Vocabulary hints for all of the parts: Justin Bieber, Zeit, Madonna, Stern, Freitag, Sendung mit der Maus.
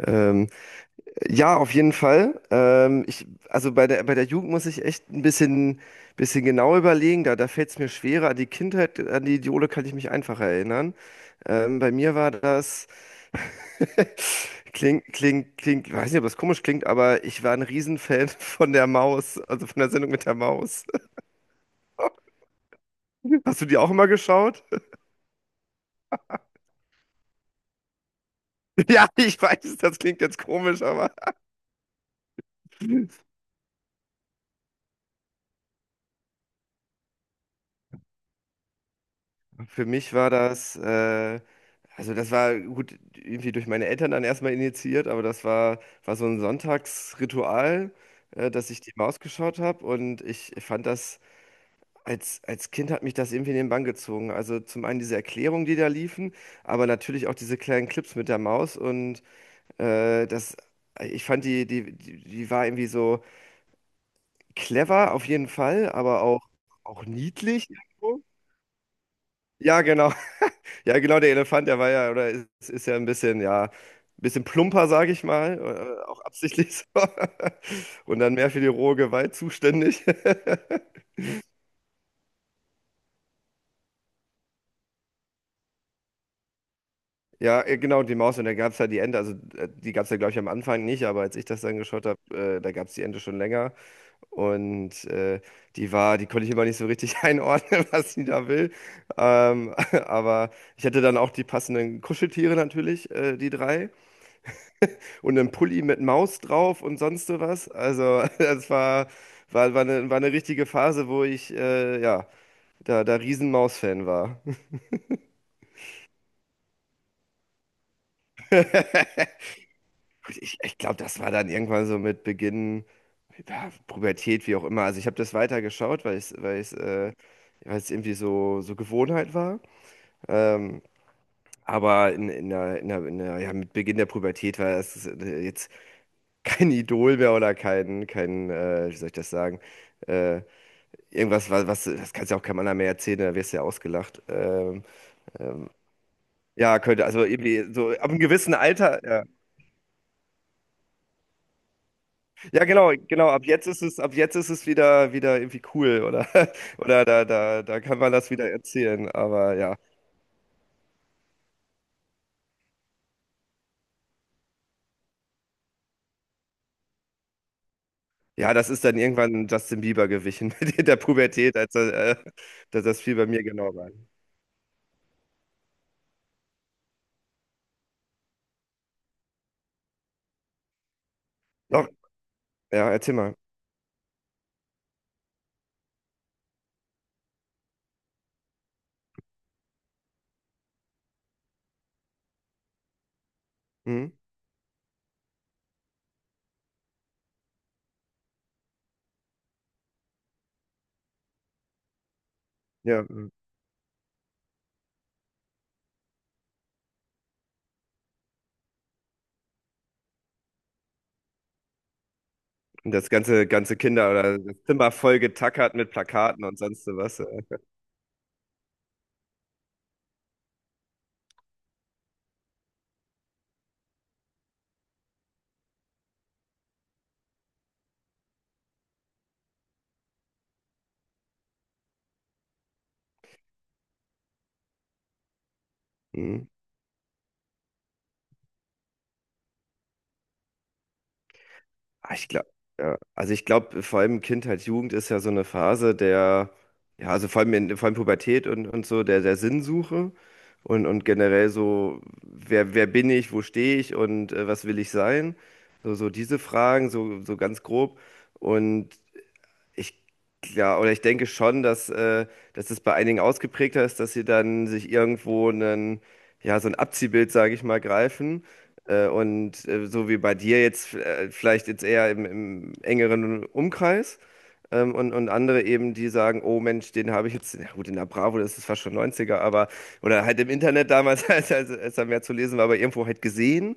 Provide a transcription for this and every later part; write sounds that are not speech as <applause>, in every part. Ähm, ja, auf jeden Fall. Ich, also bei der Jugend muss ich echt ein bisschen genau überlegen. Da fällt es mir schwerer. An die Kindheit, an die Idole kann ich mich einfacher erinnern. Bei mir war das, <laughs> klingt, weiß nicht, ob das komisch klingt, aber ich war ein Riesenfan <laughs> von der Maus, also von der Sendung mit der Maus. Hast du die auch immer geschaut? <laughs> Ja, ich weiß, das klingt jetzt komisch, aber. Für mich war das, also das war gut, irgendwie durch meine Eltern dann erstmal initiiert, aber das war so ein Sonntagsritual, dass ich die Maus geschaut habe und ich fand das, als Kind hat mich das irgendwie in den Bann gezogen. Also zum einen diese Erklärungen, die da liefen, aber natürlich auch diese kleinen Clips mit der Maus und äh, das, ich fand die war irgendwie so clever auf jeden Fall, aber auch niedlich irgendwo. Ja, genau. Ja, genau, der Elefant, der war ja, oder ist ja, ein bisschen plumper, sage ich mal, auch absichtlich so. <laughs> Und dann mehr für die rohe Gewalt zuständig. <laughs> Ja, genau, die Maus und da gab es ja die Ente, also die gab es ja, glaube ich, am Anfang nicht, aber als ich das dann geschaut habe, da gab es die Ente schon länger. Und die war, die konnte ich immer nicht so richtig <laughs> einordnen, was sie da will. Ähm, <laughs> aber ich hatte dann auch die passenden Kuscheltiere natürlich, die drei, und einen Pulli mit Maus drauf und sonst sowas. Also, <laughs> das war eine richtige Phase, wo ich ja, da Riesen-Maus-Fan war. <laughs> Gut, ich glaube, das war dann irgendwann so mit Beginn, ja, Pubertät, wie auch immer. Also ich habe das weitergeschaut, weil weil es irgendwie so, so Gewohnheit war. Ähm, aber in der, ja, mit Beginn der Pubertät war es jetzt kein Idol mehr oder kein, kein, wie soll ich das sagen? Äh, Irgendwas, das kannst ja auch keinem anderen mehr erzählen, da wirst du ja ausgelacht. Ähm, ja, könnte, also irgendwie so ab einem gewissen Alter, ja. Ja, genau, genau, ab jetzt ist es wieder, wieder irgendwie cool oder, <laughs> oder da kann man das wieder erzählen, aber ja. Ja, das ist dann irgendwann Justin Bieber gewichen <laughs> mit der Pubertät, dass das viel bei mir genau war. Doch, ja, erzähl mal. Mhm. Ja, mhm. Und das ganze Kinder oder das Zimmer voll getackert mit Plakaten und sonst so was. Mhm. Ich glaube, ja. Also ich glaube, vor allem Kindheit, Jugend ist ja so eine Phase der, ja, also vor allem vor allem Pubertät und so, der, der Sinnsuche und generell so, wer bin ich, wo stehe ich und was will ich sein? So, so diese Fragen, so, so ganz grob. Und ich Klar, oder ich denke schon, dass es bei einigen ausgeprägter ist, dass sie dann sich irgendwo einen, ja, so ein Abziehbild, sage ich mal, greifen. So wie bei dir jetzt, vielleicht jetzt eher im engeren Umkreis. Und andere eben, die sagen, oh Mensch, den habe ich jetzt, na gut, in der Bravo, das ist fast schon Neunziger aber, oder halt im Internet damals, <laughs> als da mehr zu lesen war, aber irgendwo halt gesehen.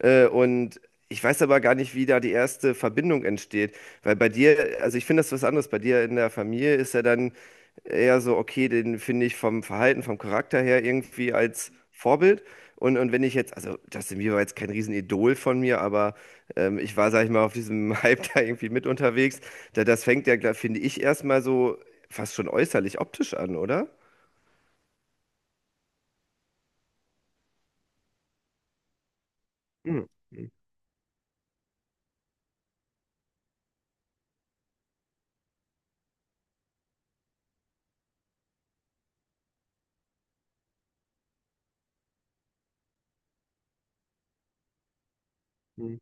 Äh, und Ich weiß aber gar nicht, wie da die erste Verbindung entsteht. Weil bei dir, also ich finde das was anderes. Bei dir in der Familie ist er dann eher so, okay, den finde ich vom Verhalten, vom Charakter her irgendwie als Vorbild. Und wenn ich jetzt, also Justin Bieber war jetzt kein Riesenidol von mir, aber ich war, sag ich mal, auf diesem <laughs> Hype da irgendwie mit unterwegs. Das fängt ja, glaub- finde ich, erstmal so fast schon äußerlich optisch an, oder? Hm, hm,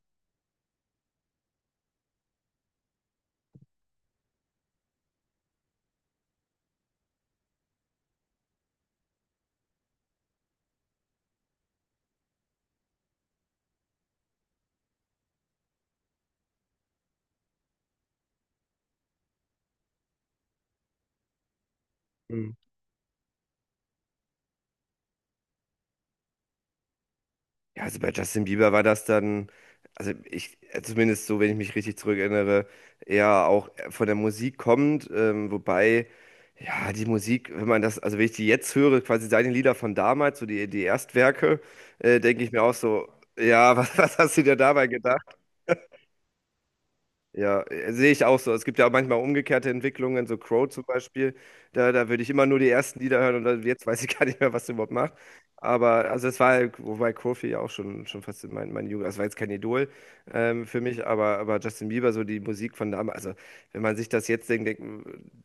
hm. Ja, also bei Justin Bieber war das dann, also zumindest so, wenn ich mich richtig zurückerinnere, eher auch von der Musik kommend, wobei, ja, die Musik, wenn man das, also wenn ich die jetzt höre, quasi seine Lieder von damals, so die Erstwerke, denke ich mir auch so, ja, <laughs> was hast du dir dabei ja, sehe ich auch so. Es gibt ja auch manchmal umgekehrte Entwicklungen, so Crow zum Beispiel. Da würde ich immer nur die ersten Lieder hören und dann, jetzt weiß ich <laughs> gar nicht mehr, was der überhaupt macht. Aber also es war, wobei Kofi ja auch schon fast in meine Jugend, das war jetzt kein Idol für mich, aber Justin Bieber, so die Musik von damals, also wenn man sich das jetzt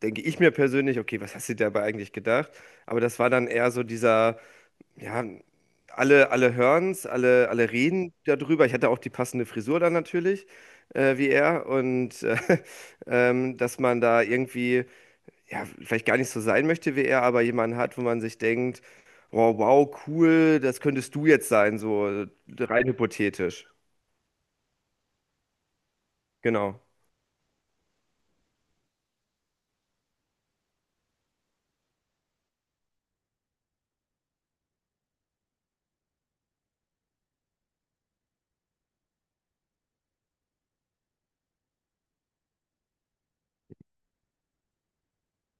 denke ich mir persönlich, okay, was hast du dir dabei eigentlich gedacht? Aber das war dann eher so dieser ja, alle hören's, alle reden darüber. Ich hatte auch die passende Frisur dann natürlich, wie er. Und <laughs> dass man da irgendwie, ja, vielleicht gar nicht so sein möchte wie er, aber jemanden hat, wo man sich denkt, wow, cool, das könntest du jetzt sein, so rein hypothetisch. Genau.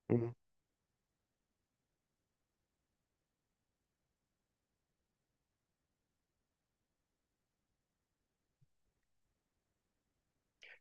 Mhm.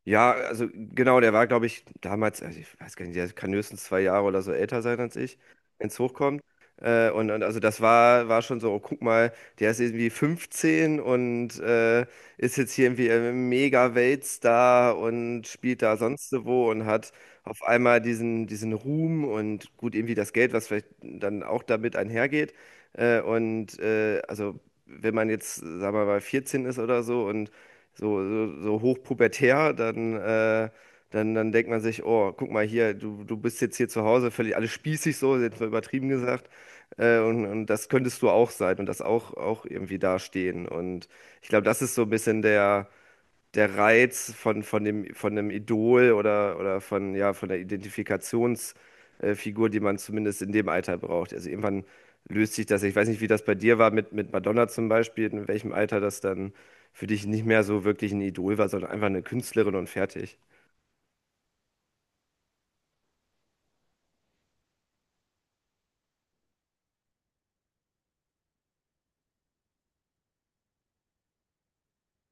Ja, also genau, der war, glaube ich, damals, also ich weiß gar nicht, der kann höchstens zwei Jahre oder so älter sein als ich, wenn es hochkommt. Also das war, war schon so, oh, guck mal, der ist irgendwie 15 und ist jetzt hier irgendwie ein Mega-Weltstar und spielt da sonst so wo und hat auf einmal diesen Ruhm und gut, irgendwie das Geld, was vielleicht dann auch damit einhergeht. Also wenn man jetzt, sagen wir mal, 14 ist oder so und so hochpubertär, dann denkt man sich, oh, guck mal hier, du bist jetzt hier zu Hause, völlig alles spießig so, jetzt mal übertrieben gesagt. Und das könntest du auch sein und das auch irgendwie dastehen. Und ich glaube, das ist so ein bisschen der der Reiz von dem, von einem Idol oder von, ja, von der Identifikationsfigur, die man zumindest in dem Alter braucht. Also irgendwann löst sich das. Ich weiß nicht, wie das bei dir war mit Madonna zum Beispiel, in welchem Alter das dann für dich nicht mehr so wirklich ein Idol war, sondern einfach eine Künstlerin und fertig.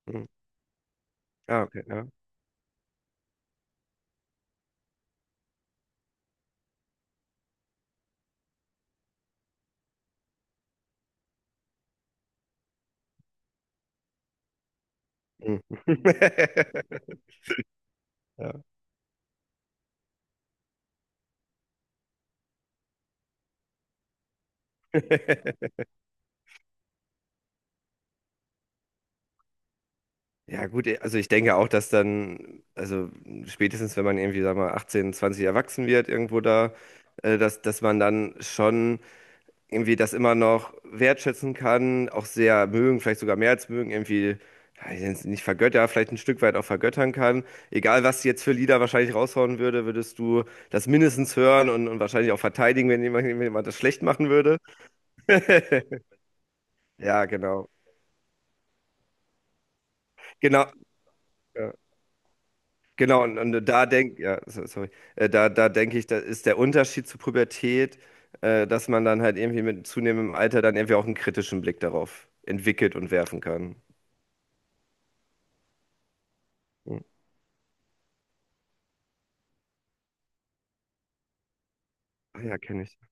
Hm. Ah, okay, ja. Hm. <laughs> Ja. <laughs> Ja, gut, also ich denke auch, dass dann, also spätestens wenn man irgendwie, sag mal, 18, 20 erwachsen wird, irgendwo da, dass man dann schon irgendwie das immer noch wertschätzen kann, auch sehr mögen, vielleicht sogar mehr als mögen, irgendwie, ja, ich nenn's nicht vergötter, vielleicht ein Stück weit auch vergöttern kann. Egal, was sie jetzt für Lieder wahrscheinlich raushauen würde, würdest du das mindestens hören und wahrscheinlich auch verteidigen, wenn wenn jemand das schlecht machen würde. <laughs> Ja, genau. Genau. Ja. Genau, und da sorry, da denke ich, da ist der Unterschied zur Pubertät, dass man dann halt irgendwie mit zunehmendem Alter dann irgendwie auch einen kritischen Blick darauf entwickelt und werfen kann. Ja, Ah ja, kenne ich.